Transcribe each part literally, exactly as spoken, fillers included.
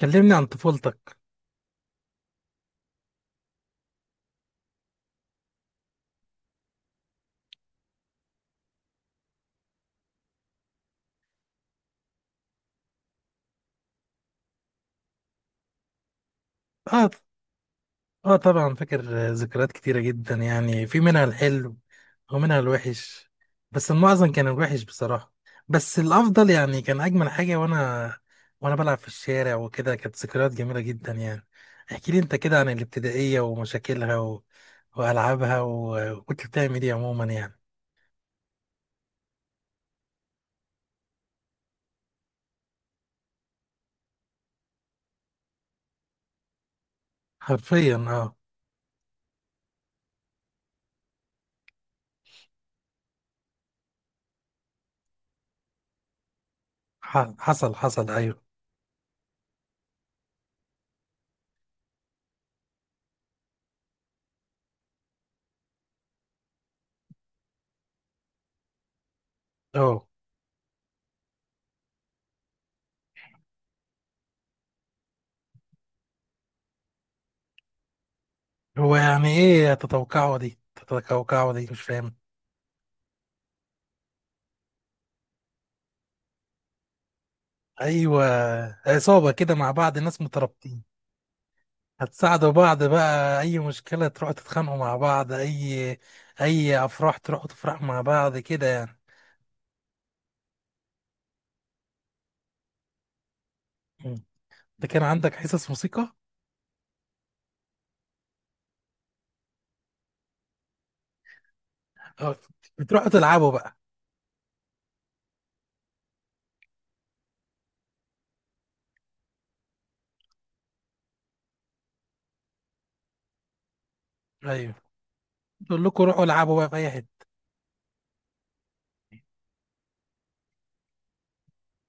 كلمني عن طفولتك. اه، اه، طبعا فاكر. آه، ذكريات كتيرة جدا، يعني في منها الحلو ومنها الوحش، بس المعظم كان الوحش بصراحة. بس الأفضل يعني كان أجمل حاجة، وأنا وأنا بلعب في الشارع وكده، كانت ذكريات جميلة جدا يعني. احكي لي أنت كده عن الابتدائية ومشاكلها، و... وألعابها، و... وكنت بتعمل إيه عموما يعني؟ حرفيا اه. ح... حصل حصل أيوه. اه. هو يعني إيه تتوقعه دي؟ تتوقعه دي مش فاهم. ايوه، عصابه كده مع بعض، ناس مترابطين. هتساعدوا بعض بقى، اي مشكله تروحوا تتخانقوا مع بعض، اي اي افراح تروحوا تفرحوا مع بعض كده يعني. مم. انت كان عندك حصص موسيقى؟ اه، بتروحوا تلعبوا بقى؟ ايوه، تقول لكم روحوا العبوا بقى في اي حته.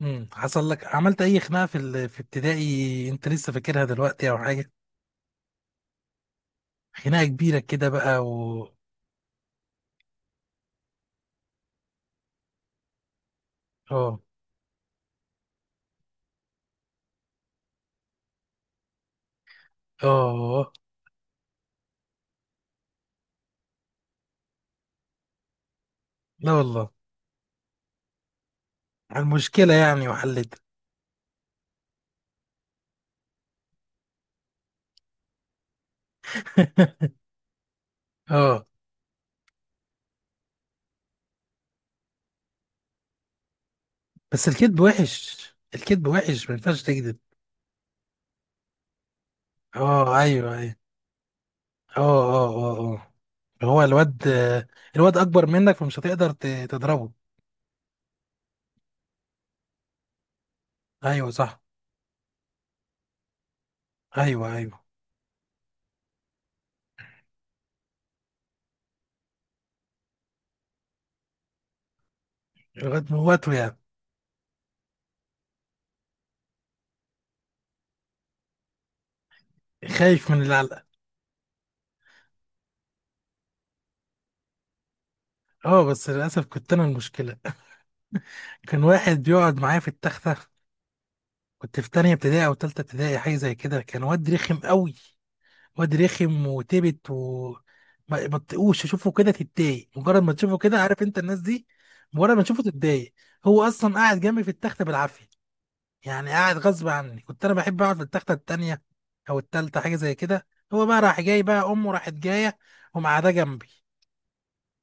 مم. حصل لك، عملت اي خناقه في ال... في ابتدائي، انت لسه فاكرها دلوقتي او حاجه؟ خناقه كبيره كده بقى و... اه. اه. آه. لا والله. المشكله يعني وحلتها. اه. بس الكذب وحش، الكذب وحش، ما ينفعش تكذب. اه، ايوه، ايوه. اه، اه، اه، اه. هو الواد، الواد اكبر منك، فمش هتقدر ت- تضربه. ايوه صح. ايوه، ايوه. الواد موته يعني. خايف من العلقه. اه، بس للاسف كنت انا المشكله. كان واحد بيقعد معايا في التختة. كنت في تانية ابتدائي أو تالتة ابتدائي، حاجة زي كده. كان واد رخم قوي، واد رخم وتبت، و ما ما تطيقوش تشوفه كده، تتضايق مجرد ما تشوفه كده، عارف انت الناس دي؟ مجرد ما تشوفه تتضايق. هو اصلا قاعد جنبي في التخته بالعافيه، يعني قاعد غصب عني. كنت انا بحب اقعد في التخته التانيه او التالته، حاجه زي كده. هو بقى راح جاي بقى، امه راحت جايه، ومعاه جنبي.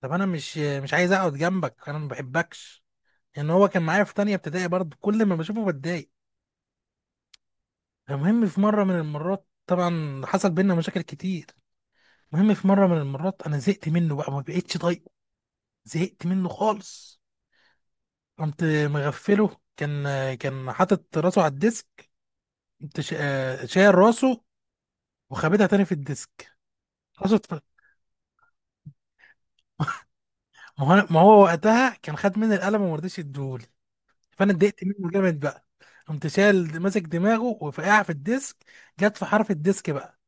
طب انا مش مش عايز اقعد جنبك، انا ما بحبكش، لان يعني هو كان معايا في تانيه ابتدائي برضه، كل ما بشوفه بتضايق. المهم في مره من المرات طبعا حصل بينا مشاكل كتير. المهم في مره من المرات انا زهقت منه بقى، ما بقتش طايقه، زهقت منه خالص. قمت مغفله، كان كان حاطط راسه على الديسك، قمت شا- شايل راسه وخابتها تاني في الديسك. راسه اتف- ما هو أنا- ما هو وقتها كان خد مني القلم وما رضيش يديهولي، فانا اتضايقت منه جامد بقى، قمت شايل ماسك دماغه وفقع في الديسك، جت في حرف الديسك بقى،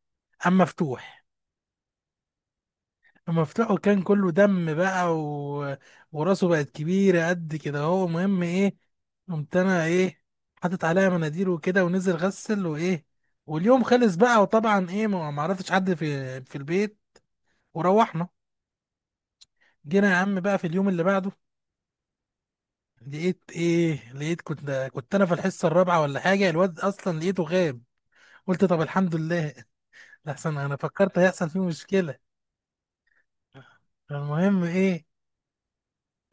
قام مفتوح، مفتوحه، كان كله دم بقى، و... وراسه بقت كبيرة قد كده، هو مهم ايه. قمت انا ايه، حاطط عليها مناديل وكده، ونزل غسل وايه، واليوم خلص بقى، وطبعا ايه، ما ما عرفتش حد في في البيت، وروحنا. جينا يا عم بقى في اليوم اللي بعده، لقيت ايه، لقيت كنت كنت انا في الحصة الرابعة ولا حاجة، الواد اصلا لقيته غاب. قلت طب الحمد لله، لحسن انا فكرت هيحصل فيه مشكلة. المهم ايه،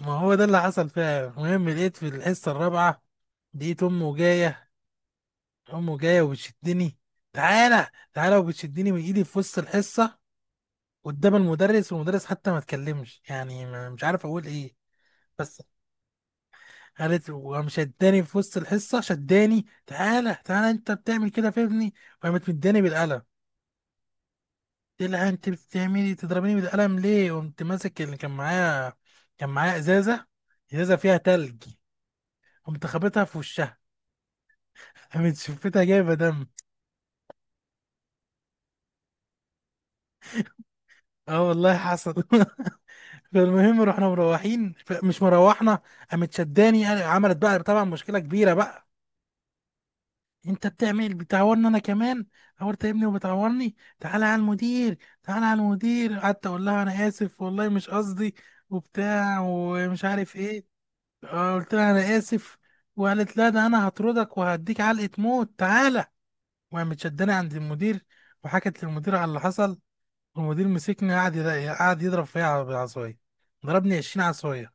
ما هو ده اللي حصل فعلا. المهم لقيت في الحصة الرابعة، لقيت أمه جاية، أمه جاية وبتشدني، تعالى، تعالى، وبتشدني من إيدي في وسط الحصة قدام المدرس، والمدرس حتى ما اتكلمش، يعني ما- مش عارف أقول إيه. بس قالت وقام شداني في وسط الحصة، شداني، تعالى، تعالى، أنت بتعمل كده في ابني، وقامت مداني بالقلم. قلت لها أنت بتعملي تضربيني بالقلم ليه؟ قمت ماسك اللي كان معايا، كان معايا إزازة، إزازة فيها تلج، قمت خابطها في وشها، قامت شفتها جايبه دم. اه والله حصل. فالمهم رحنا مروحين، ف- مش مروحنا، قامت شداني، قال- عملت بقى طبعا مشكله كبيره بقى. انت بتعمل بتعورني انا كمان، عورت ابني وبتعورني، تعالى على المدير، تعالى على المدير، قعدت اقول لها انا اسف والله مش قصدي، وبتاع ومش عارف ايه. آه، قلت لها انا اسف. وقالت لا، ده انا هطردك وهديك علقه موت، تعالى. وقامت شداني عند المدير، وحكت للمدير على اللي حصل. المدير مسكني، قعد يض- قعد يضرب فيا على- بالعصايه، ضربني عشرين عصايه.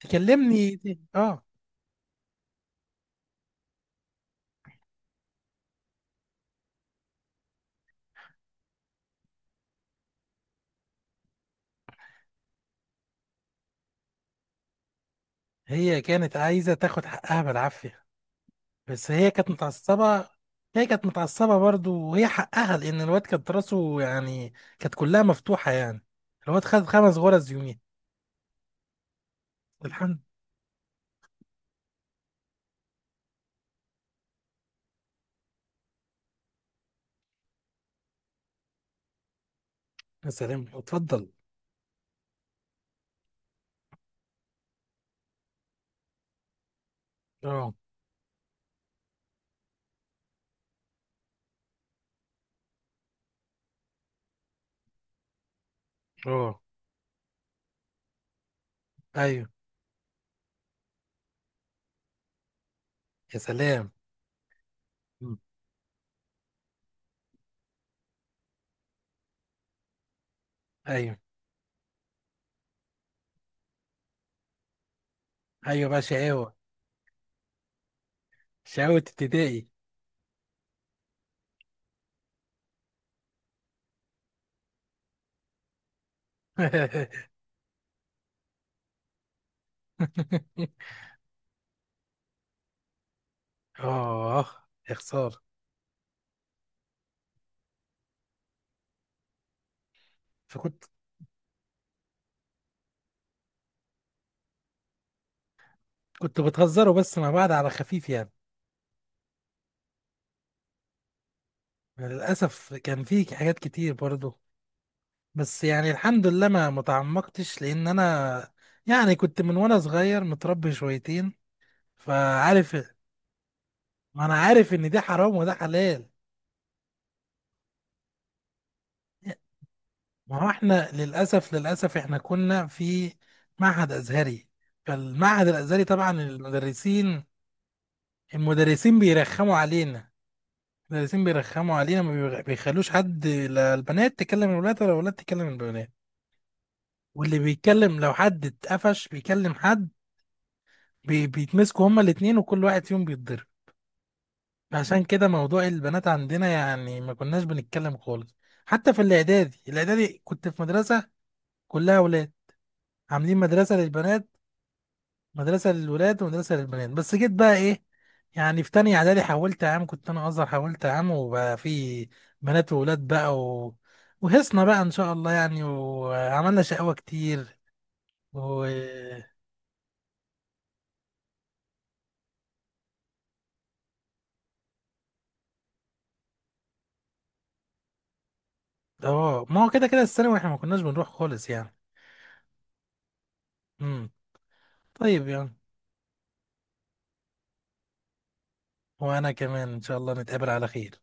تكلمني. اه، هي كانت عايزه تاخد حقها بالعافيه، بس هي كانت متعصبه. هي كانت متعصبه برضو وهي حقها، لان الواد كانت راسه يعني كانت كلها مفتوحه يعني، الواد خد خمس غرز يومين. الحمد. يا سلام، اتفضل. اه، اه، ايوه، يا سلام. مم. ايوه، ايوه بقى شقاوه. شقاوه ابتدائي. اه، يا خساره. فكنت، كنت بتهزروا بس مع بعض على خفيف يعني. للأسف كان في حاجات كتير برضو، بس يعني الحمد لله ما متعمقتش، لأن أنا يعني كنت من وأنا صغير متربي شويتين، فعارف، ما أنا عارف إن ده حرام وده حلال. ما هو احنا للأسف للأسف احنا كنا في معهد أزهري، فالمعهد الأزهري طبعا المدرسين، المدرسين بيرخموا علينا، المدرسين بيرخموا علينا، ما بيخ- بيخلوش حد لا البنات تكلم الولاد، ولا الولاد تكلم البنات. واللي بيتكلم لو حد اتقفش بيكلم حد، بي بيتمسكوا هما الاتنين، وكل واحد فيهم بيتضرب. عشان كده موضوع البنات عندنا يعني ما كناش بنتكلم خالص. حتى في الاعدادي الاعدادي كنت في مدرسة كلها ولاد، عاملين مدرسة للبنات، مدرسة للولاد ومدرسة للبنات. بس جيت بقى ايه، يعني في تانية اعدادي حولت عام، كنت انا ازهر حولت عام، وبقى في بنات وولاد بقى، و... وهصنا بقى ان شاء الله يعني، وعملنا شقاوة كتير و... اه، ما هو كده كده الثانوي احنا ما كناش بنروح خالص يعني. امم. طيب يعني. وانا كمان ان شاء الله نتقابل على خير.